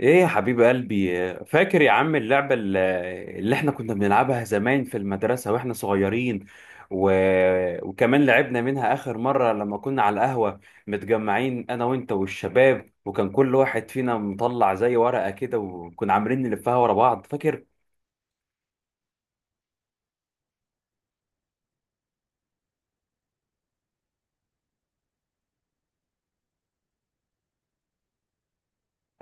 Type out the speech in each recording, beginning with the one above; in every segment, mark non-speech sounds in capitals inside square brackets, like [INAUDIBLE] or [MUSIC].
ايه يا حبيب قلبي؟ فاكر يا عم اللعبة اللي احنا كنا بنلعبها زمان في المدرسة واحنا صغيرين و... وكمان لعبنا منها اخر مرة لما كنا على القهوة متجمعين انا وانت والشباب، وكان كل واحد فينا مطلع زي ورقة كده وكنا عاملين نلفها ورا بعض، فاكر؟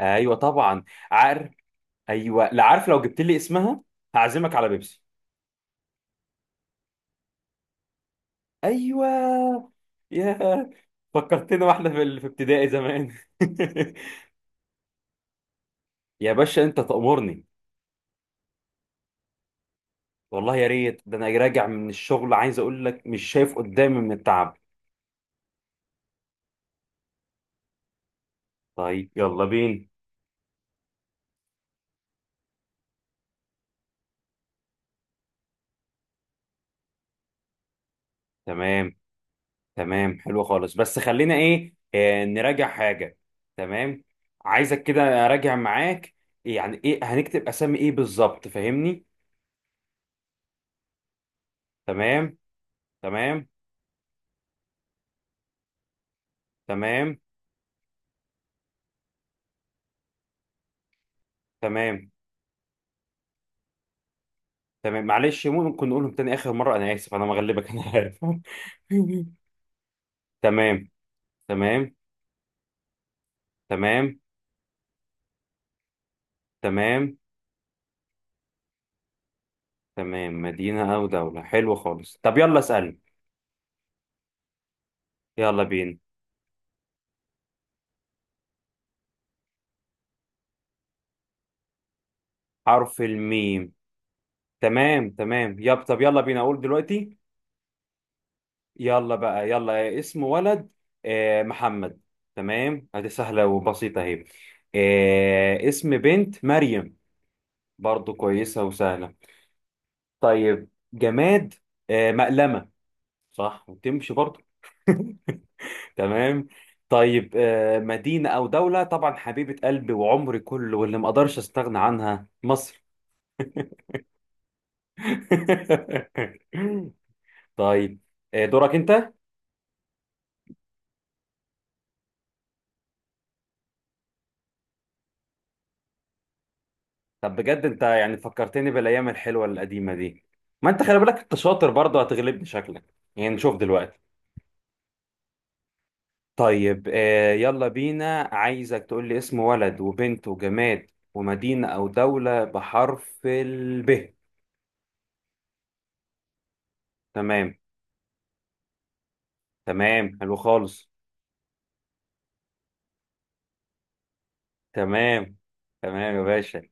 ايوه طبعا. عارف. ايوه، لا عارف. لو جبت لي اسمها هعزمك على بيبسي. ايوه. يا فكرتنا واحنا في ابتدائي زمان. [LAUGHS] يا باشا انت تأمرني. والله يا ريت، ده انا راجع من الشغل عايز اقول لك مش شايف قدامي من التعب. طيب يلا بينا. تمام. تمام حلو خالص، بس خلينا ايه نراجع حاجة. تمام. عايزك كده اراجع معاك. يعني ايه هنكتب اسامي ايه بالظبط؟ فاهمني؟ تمام. تمام. تمام. تمام. تمام معلش، ممكن نقولهم تاني اخر مرة؟ انا اسف، انا مغلبك انا عارف. [LAUGHS] تمام. تمام. تمام. تمام. تمام مدينة او دولة حلو خالص، طب يلا اسأل. يلا بينا. حرف الميم. تمام تمام طب يلا بينا اقول دلوقتي. يلا بقى، يلا اسم ولد. آه محمد. تمام، ادي سهلة وبسيطة اهي. آه اسم بنت مريم. برضو كويسة وسهلة. طيب جماد. آه مقلمة. صح، وتمشي برضو. [LAUGHS] تمام. طيب آه مدينة او دولة، طبعا حبيبة قلبي وعمري كله واللي ما اقدرش استغنى عنها مصر. [LAUGHS] طيب دورك انت. طب بجد انت يعني فكرتني بالايام الحلوه القديمه دي. ما انت خلي بالك انت شاطر برضه، هتغلبني شكلك. يعني نشوف دلوقتي. طيب يلا بينا، عايزك تقول لي اسم ولد وبنت وجماد ومدينه او دوله بحرف الب. تمام. تمام حلو خالص. تمام تمام يا باشا.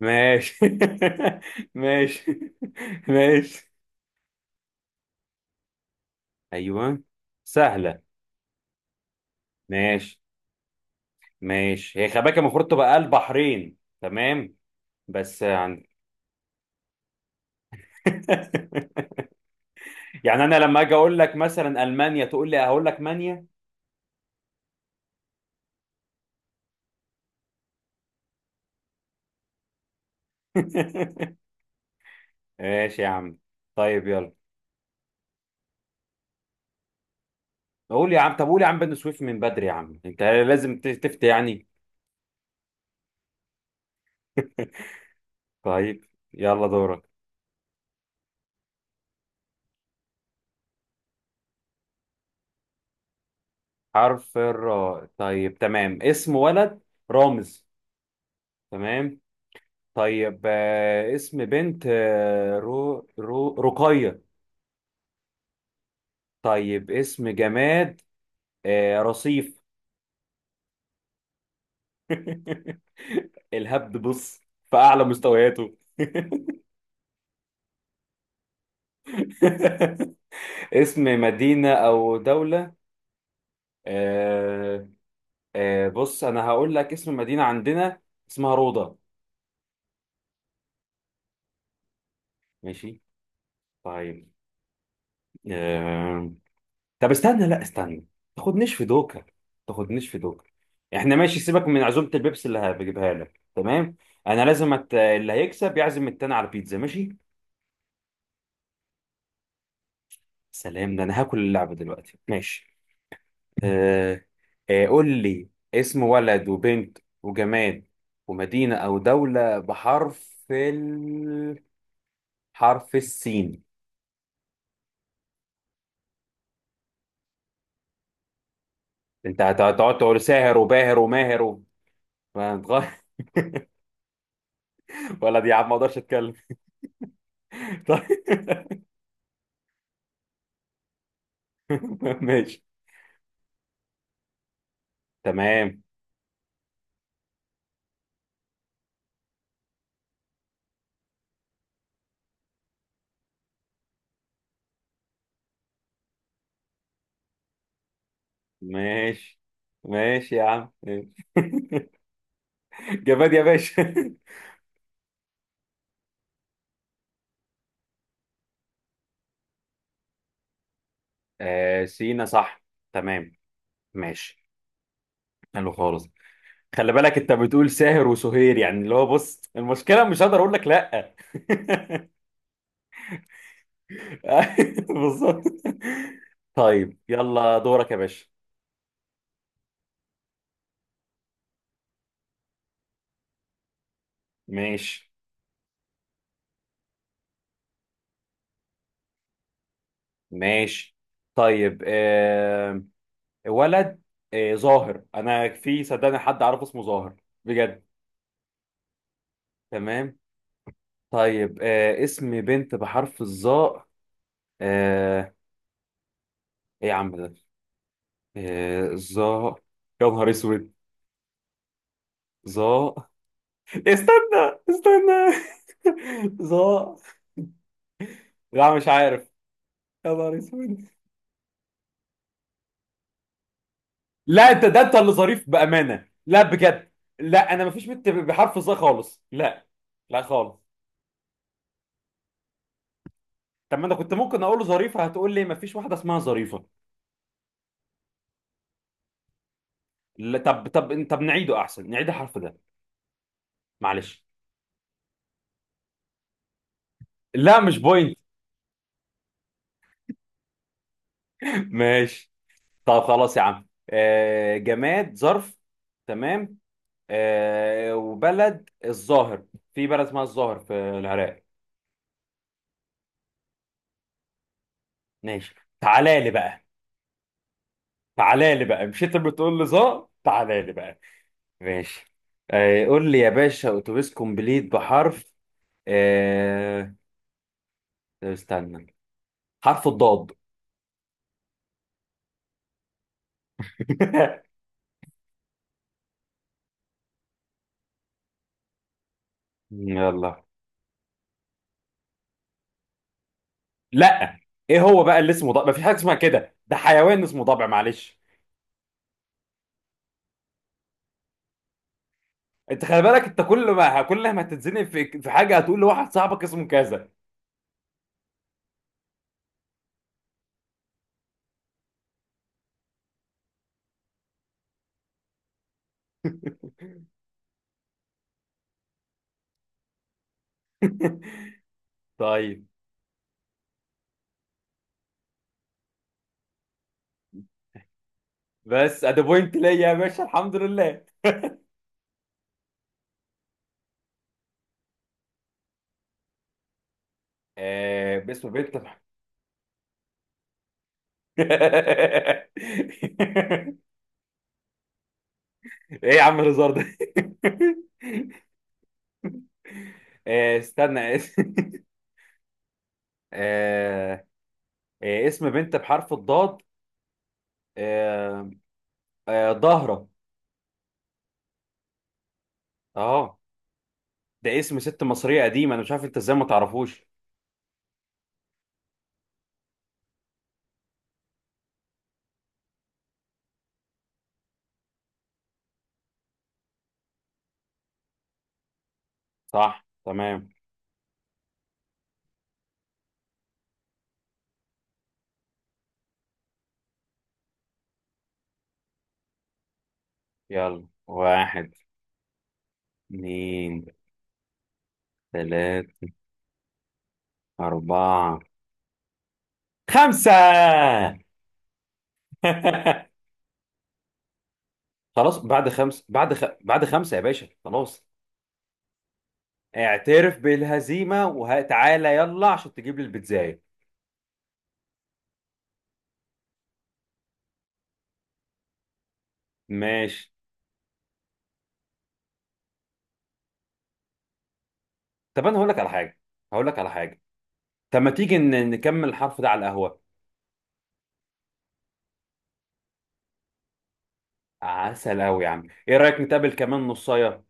ماشي. [LAUGHS] ماشي. ماشي. ايوه. سهله. ماشي. ماشي، هي خباكة المفروض تبقى البحرين. تمام، بس يعني. [LAUGHS] يعني انا لما اجي اقول لك مثلا المانيا تقول لي هقول لك مانيا. [LAUGHS] ماشي يا عم. طيب يلا قول يا عم، طب قول يا عم بن سويف، من بدري يا عم انت لازم تفتي يعني. [LAUGHS] طيب يلا دورك. حرف الراء. طيب تمام اسم ولد رامز. تمام. طيب اسم بنت، آه، رو رو رقية طيب اسم جماد، رصيف. [LAUGHS] الهبد بص في أعلى مستوياته. [LAUGHS] اسم مدينة أو دولة، آه، بص أنا هقول لك اسم مدينة عندنا اسمها روضة. ماشي. طيب. آه، طب استنى، لا استنى. تاخدنيش في دوكا. تاخدنيش في دوكا. احنا ماشي، سيبك من عزومة البيبسي اللي هجيبها لك تمام. انا لازم اللي هيكسب يعزم التاني على بيتزا ماشي. سلام، ده انا هاكل اللعبة دلوقتي ماشي. آه قول لي اسم ولد وبنت وجماد ومدينة أو دولة بحرف حرف السين. أنت هتقعد تقول ساهر وباهر وماهر ما هتغ- [LAUGHS] ولا دي يا عم ما أقدرش أتكلم. [LAUGHS] طيب. ماشي. تمام. ماشي. ماشي يا عم ماشي. [LAUGHS] جماد يا باشا. [LAUGHS] سينا صح. تمام. ماشي. حلو خالص. خلي بالك انت بتقول ساهر وسهير، يعني اللي هو بص المشكله مش هقدر اقول لك لا. [LAUGHS] بالظبط. طيب يلا دورك يا باشا. ماشي. ماشي. طيب ولد ظاهر، انا في صدقني حد عارف اسمه ظاهر بجد. تمام. طيب اسم بنت بحرف الظاء. آه ايه يا عم ده. ظاء. يا نهار اسود. ظاء، استنى استنى. [LAUGHS] ظا. لا مش عارف. يا نهار اسود. لا انت ده انت اللي ظريف بامانه، لا بجد. لا انا مفيش بنت بحرف ظا خالص لا. لا خالص. طب ما انا كنت ممكن اقول له ظريفه هتقول لي مفيش واحده اسمها ظريفه؟ لا طب طب طب، نعيده احسن نعيد الحرف ده. معلش. لا مش بوينت. [LAUGHS] ماشي. طب خلاص يا عم، جماد ظرف. تمام. وبلد الظاهر، في بلد اسمها الظاهر في العراق. ماشي. تعالى لي بقى. تعالى لي بقى، مش انت بتقول لي ظا؟ تعالى لي بقى. ماشي. قول لي يا باشا اتوبيس كومبليت بحرف آه طب استنى، حرف الضاد. [LAUGHS] يلا. لا. ايه هو بقى اللي اسمه ضبع؟ مفيش حاجه اسمها كده، ده حيوان اسمه ضبع معلش. انت خلي بالك انت كل ما تتزنق في حاجه هتقول لواحد صاحبك اسمه كذا. [LAUGHS] طيب بس ادي بوينت ليا يا باشا الحمد لله. باسم بنت. [LAUGHS] ايه يا عم الهزار ده. [LAUGHS] استنى. [LAUGHS] آه، اسم بنت بحرف الضاد. آه، ضهرة. اه، ده اسم ست مصرية قديمة، انا مش عارف انت ازاي ما تعرفوش. صح تمام. يلا واحد، اتنين، تلاتة، أربعة، خمسة. [LAUGHS] خلاص بعد خمسة، بعد خمسة يا باشا خلاص. اعترف بالهزيمه وتعالى يلا عشان تجيب لي البيتزاية. ماشي. طب انا هقول لك على حاجه. هقول لك على حاجه. طب ما تيجي نكمل الحرف ده على القهوه. عسل قوي يا عم، ايه رايك نتقابل كمان نصايه.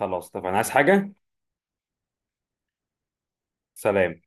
خلاص. طب انا عايز حاجه. سلام.